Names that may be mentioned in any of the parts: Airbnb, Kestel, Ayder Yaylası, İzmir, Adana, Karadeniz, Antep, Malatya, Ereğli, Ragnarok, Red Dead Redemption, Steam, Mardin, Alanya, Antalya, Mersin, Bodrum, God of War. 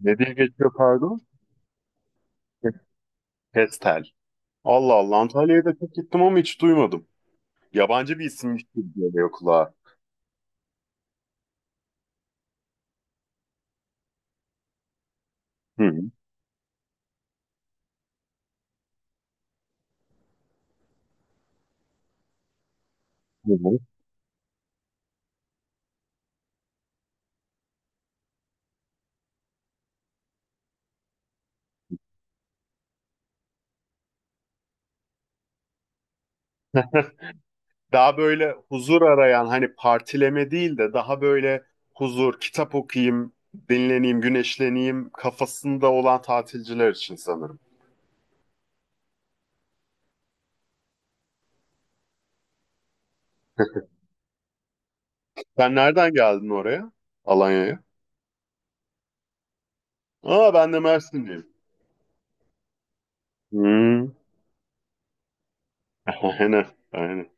Ne diye geçiyor pardon? Ke- Kestel. Allah Allah Antalya'ya da çok gittim ama hiç duymadım. Yabancı bir isimmiş gibi geliyor kulağa. Hı hı. Hı hı. Daha böyle huzur arayan hani partileme değil de daha böyle huzur, kitap okuyayım, dinleneyim, güneşleneyim kafasında olan tatilciler için sanırım. Sen nereden geldin oraya? Alanya'ya? Aa ben de Mersinliyim. Hmm. Aynen, aynen.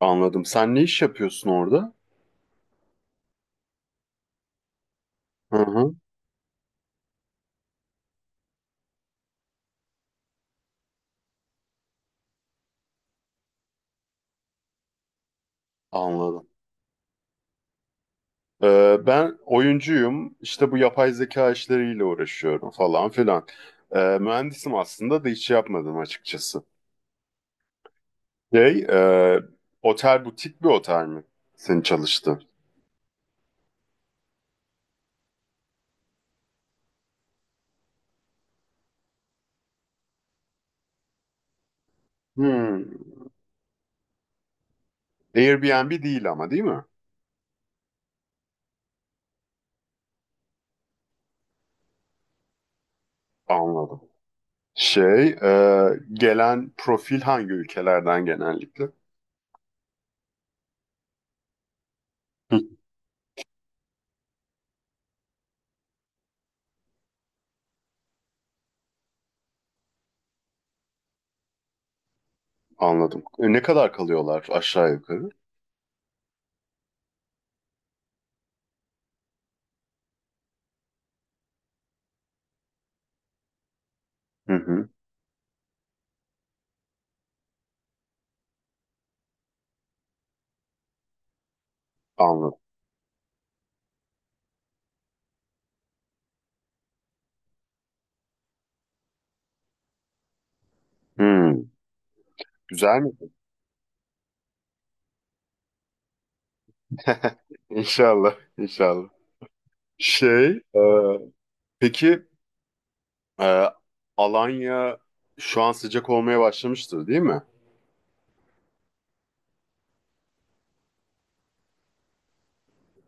Anladım. Sen ne iş yapıyorsun orada? Hı hı, anladım. Ben oyuncuyum, işte bu yapay zeka işleriyle uğraşıyorum falan filan. Mühendisim aslında da hiç yapmadım açıkçası. Şey, otel butik bir otel mi? Senin çalıştığın. Hmm. Airbnb değil ama değil mi? Anladım. Şey, gelen profil hangi ülkelerden genellikle? Hı, anladım. E, ne kadar kalıyorlar aşağı yukarı? Hı hı. Anladım. Hmm. Güzel mi? İnşallah, inşallah. Şey, peki e, Alanya şu an sıcak olmaya başlamıştır değil mi?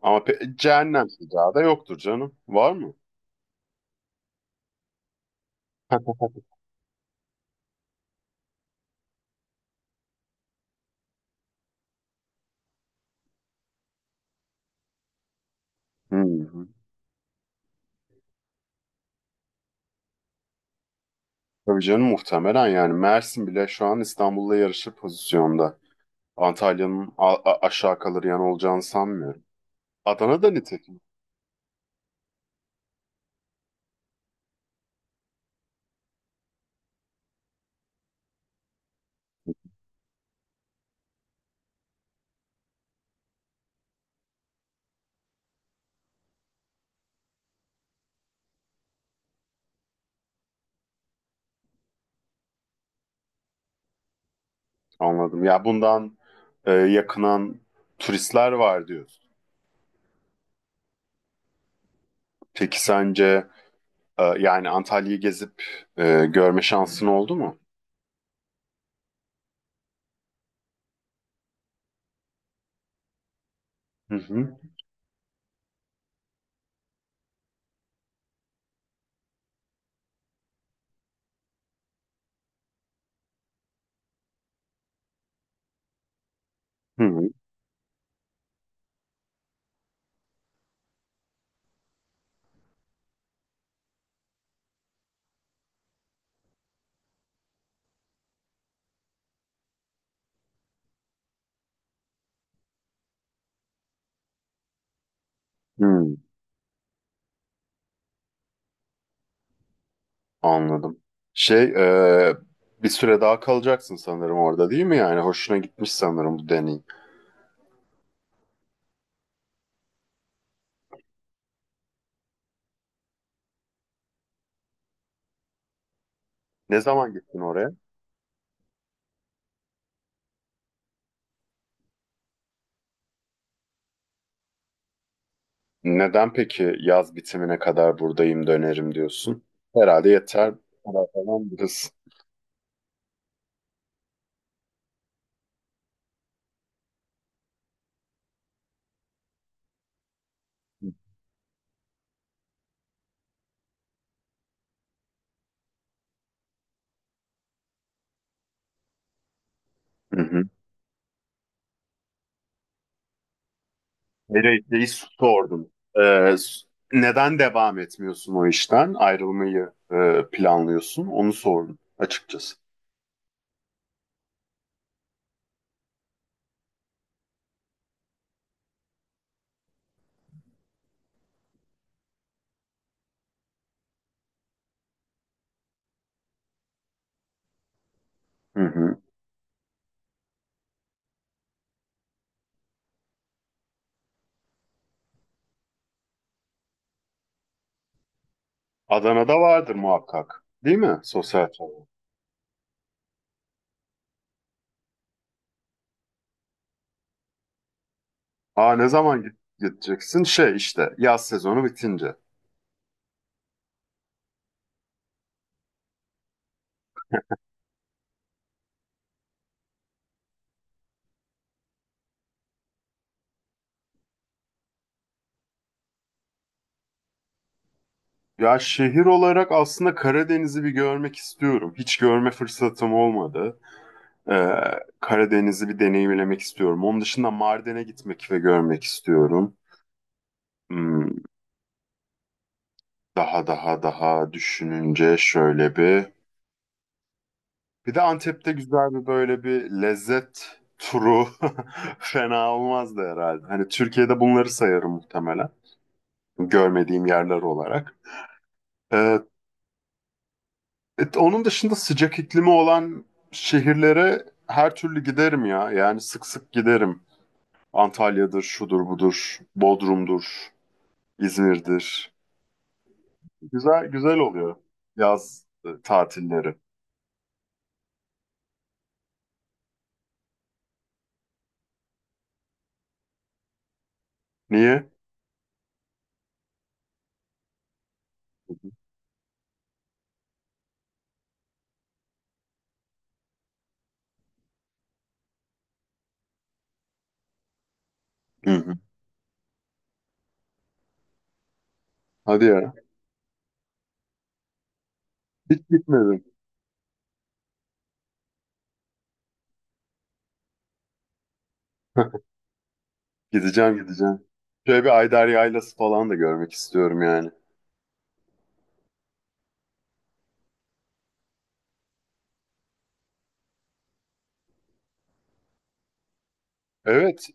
Ama cehennem sıcağı da yoktur canım. Var mı? Hı hı. Tabii canım, muhtemelen yani Mersin bile şu an İstanbul'la yarışır pozisyonda. Antalya'nın aşağı kalır yanı olacağını sanmıyorum. Adana'da nitekim anladım. Ya bundan yakınan turistler var diyorsun. Peki sence yani Antalya'yı gezip görme şansın oldu mu? Hı hı. Hı hı. Hı. Anladım. Şey, e, bir süre daha kalacaksın sanırım orada değil mi? Yani hoşuna gitmiş sanırım bu deneyim. Ne zaman gittin oraya? Neden peki yaz bitimine kadar buradayım dönerim diyorsun? Herhalde yeter. Bu kadar falan biraz. Hı hı. Ereğli'yi sordum. E, neden devam etmiyorsun o işten? Ayrılmayı planlıyorsun. Onu sordum açıkçası. Hı hı. Adana'da vardır muhakkak. Değil mi? Sosyal çevre. Aa ne zaman gideceksin? Şey işte yaz sezonu bitince. Ya şehir olarak aslında Karadeniz'i bir görmek istiyorum. Hiç görme fırsatım olmadı. Ee, Karadeniz'i bir deneyimlemek istiyorum. Onun dışında Mardin'e gitmek ve görmek istiyorum. Hmm, daha daha daha düşününce şöyle bir... Bir de Antep'te güzel bir böyle bir lezzet turu fena olmazdı herhalde. Hani Türkiye'de bunları sayarım muhtemelen. Görmediğim yerler olarak. Ee, Onun dışında sıcak iklimi olan şehirlere her türlü giderim ya. Yani sık sık giderim. Antalya'dır, şudur budur, Bodrum'dur, İzmir'dir. Güzel güzel oluyor yaz tatilleri. Niye? Hı hı. Hadi ya. Hiç gitmedim. Gideceğim gideceğim. Şöyle bir Ayder Yaylası falan da görmek istiyorum yani. Evet,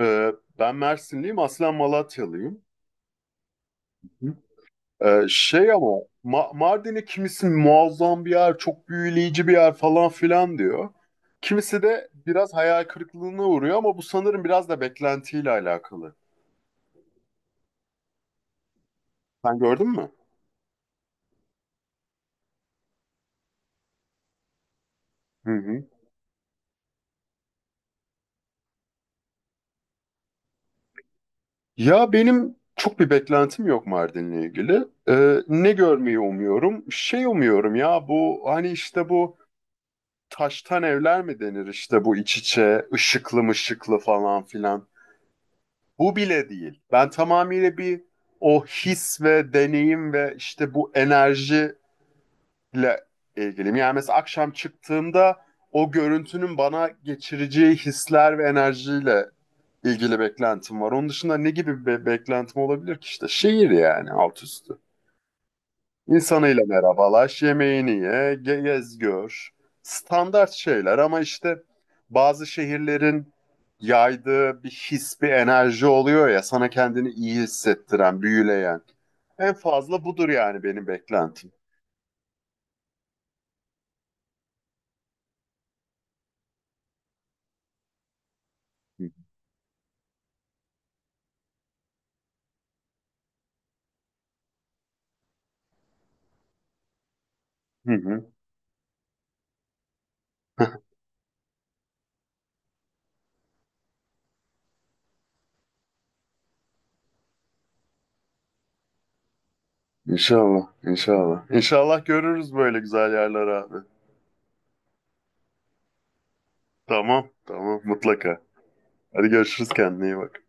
e, ben Mersinliyim, aslen Malatyalıyım. Şey ama Mardin'i kimisi muazzam bir yer, çok büyüleyici bir yer falan filan diyor. Kimisi de biraz hayal kırıklığına uğruyor ama bu sanırım biraz da beklentiyle alakalı. Sen gördün mü? Hı hı. Ya benim çok bir beklentim yok Mardin'le ilgili. Ne görmeyi umuyorum? Şey umuyorum ya bu hani işte bu taştan evler mi denir, işte bu iç içe ışıklı mışıklı falan filan. Bu bile değil. Ben tamamıyla bir o his ve deneyim ve işte bu enerjiyle ilgiliyim. Yani mesela akşam çıktığımda o görüntünün bana geçireceği hisler ve enerjiyle ilgili beklentim var. Onun dışında ne gibi bir beklentim olabilir ki, işte şehir yani, alt üstü. İnsanıyla merhabalaş, yemeğini ye, gez gör. Standart şeyler ama işte bazı şehirlerin yaydığı bir his, bir enerji oluyor ya, sana kendini iyi hissettiren, büyüleyen. En fazla budur yani benim beklentim. Hı hı. İnşallah, inşallah. İnşallah görürüz böyle güzel yerler abi. Tamam, tamam mutlaka. Hadi görüşürüz, kendine iyi bak.